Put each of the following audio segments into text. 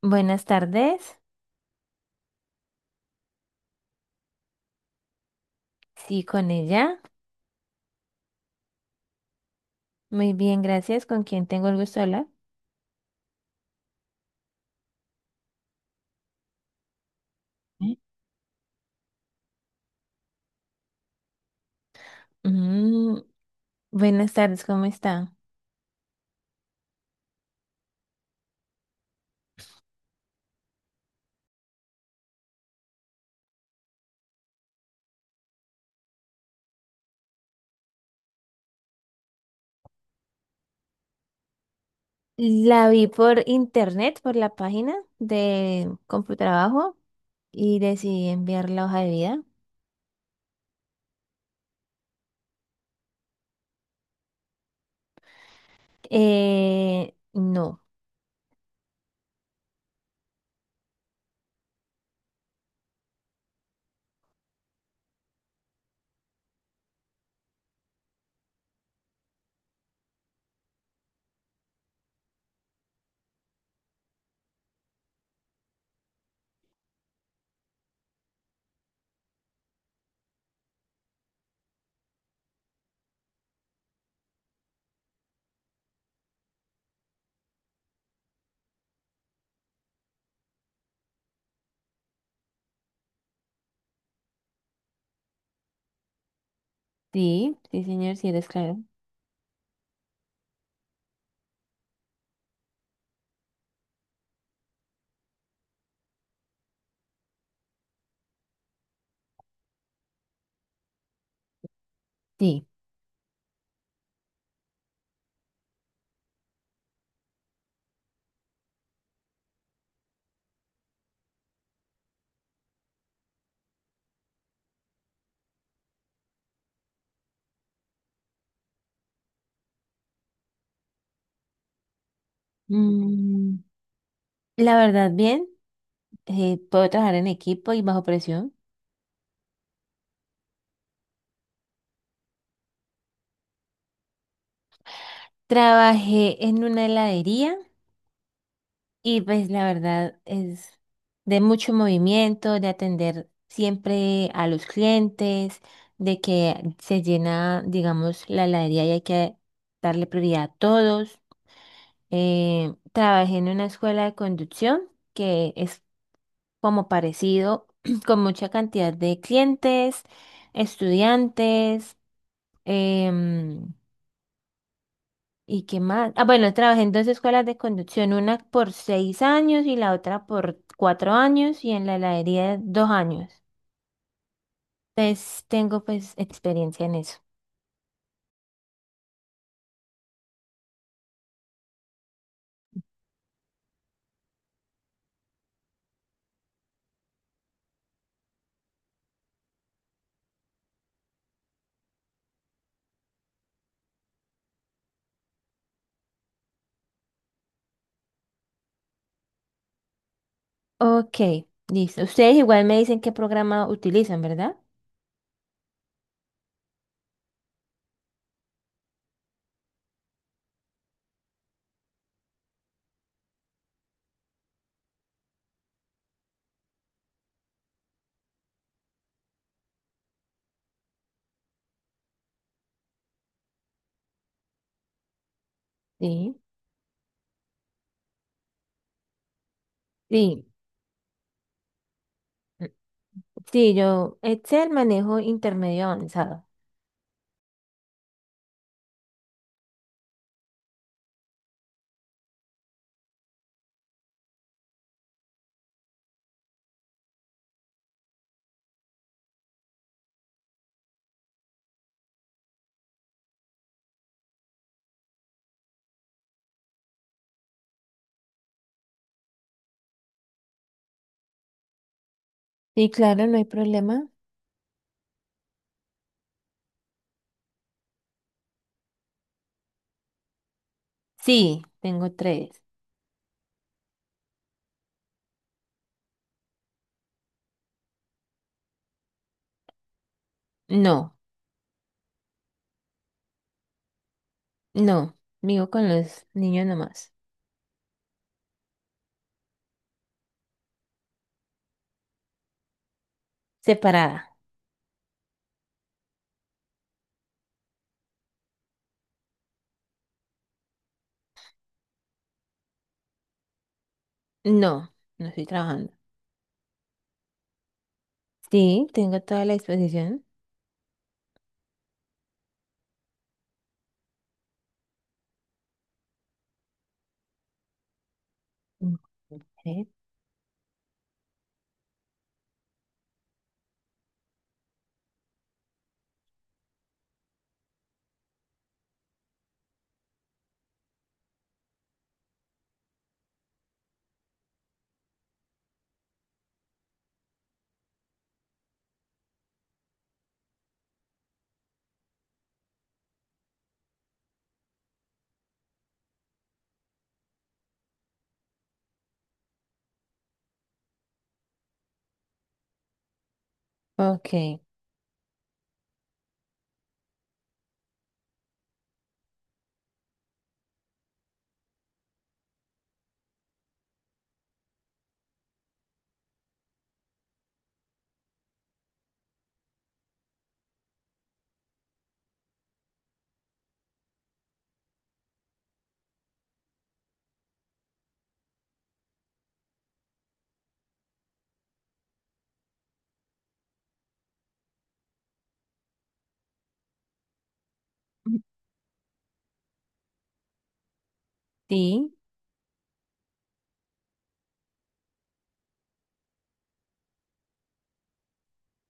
Buenas tardes. Sí, con ella. Muy bien, gracias. ¿Con quién tengo el gusto de hablar? ¿Eh? Mm, buenas tardes, ¿cómo está? La vi por internet, por la página de Computrabajo y decidí enviar la hoja de vida. No. Sí, sí, señor, sí eres claro. Sí. Mm, la verdad, bien. Puedo trabajar en equipo y bajo presión. Trabajé en una heladería. Y pues la verdad es de mucho movimiento, de atender siempre a los clientes, de que se llena, digamos, la heladería y hay que darle prioridad a todos. Trabajé en una escuela de conducción que es como parecido, con mucha cantidad de clientes, estudiantes. em, ¿Y qué más? Ah, bueno, trabajé en dos escuelas de conducción, una por 6 años y la otra por 4 años y en la heladería 2 años. Entonces tengo pues experiencia en eso. Ok, listo. Ustedes igual me dicen qué programa utilizan, ¿verdad? Sí, sí. Mm, sí, yo Excel manejo intermedio avanzado. Sí, claro, no hay problema. Sí, tengo tres. No, no. Vivo con los niños nomás. Separada. No, no estoy trabajando. Sí, tengo toda la disposición. Ok. Ok. Sí.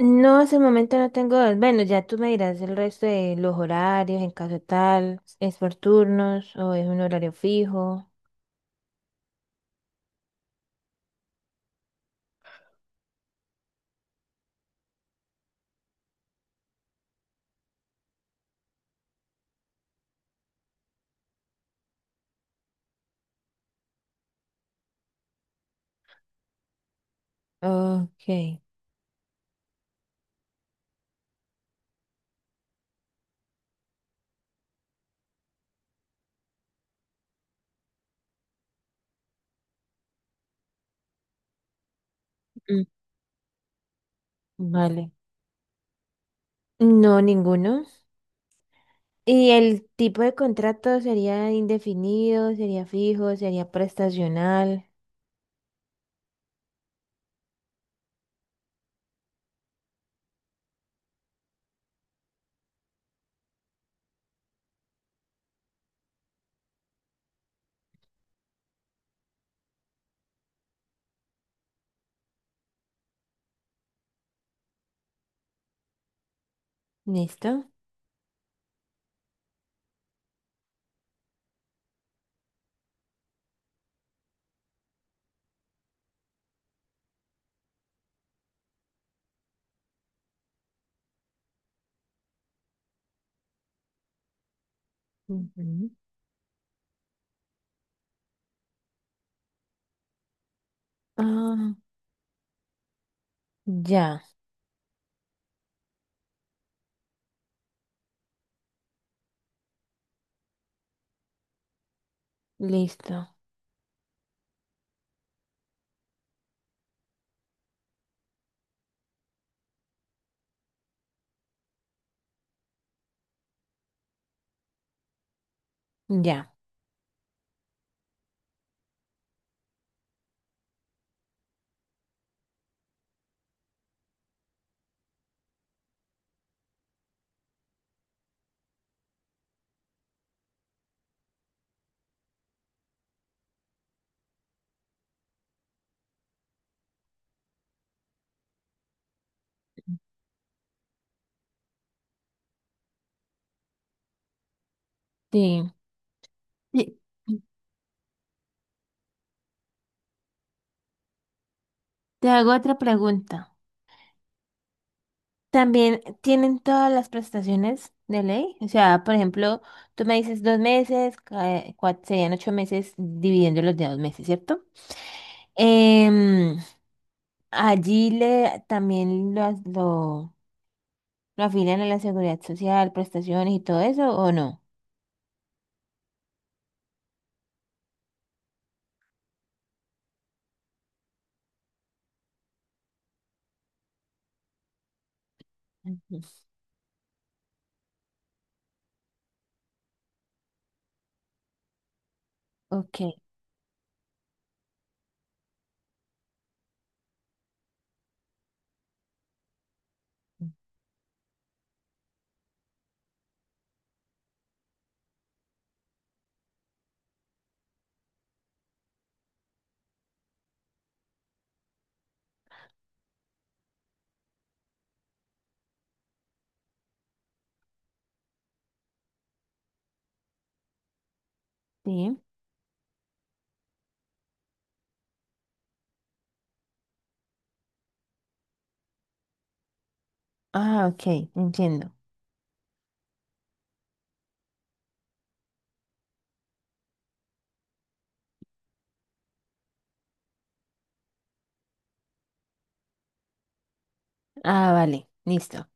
No, hasta el momento no tengo. Bueno, ya tú me dirás el resto de los horarios, en caso tal, es por turnos o es un horario fijo. Ok. Mm, vale. No, ninguno. ¿Y el tipo de contrato sería indefinido, sería fijo, sería prestacional? ¿Listo? Ujú. Ah, ya, listo. Ya. Sí. Sí. Te hago otra pregunta. ¿También tienen todas las prestaciones de ley? O sea, por ejemplo, tú me dices 2 meses, serían 8 meses dividiéndolos de 2 meses, ¿cierto? Em, allí le también lo afilian a la seguridad social, prestaciones y todo eso, ¿o no? Ujú. Ok, sí. Ah, ok, entiendo. Ah, vale, listo.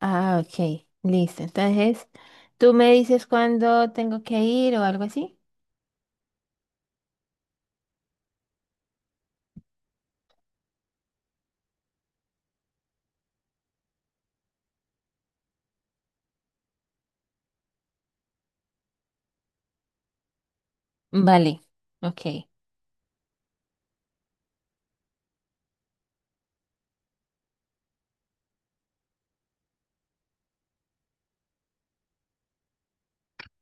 Ah, ok, listo. Entonces, tú me dices cuándo tengo que ir o algo así. Vale, ok.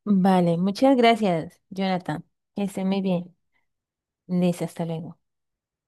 Vale, muchas gracias, Jonathan. Que esté muy bien. Listo, hasta luego.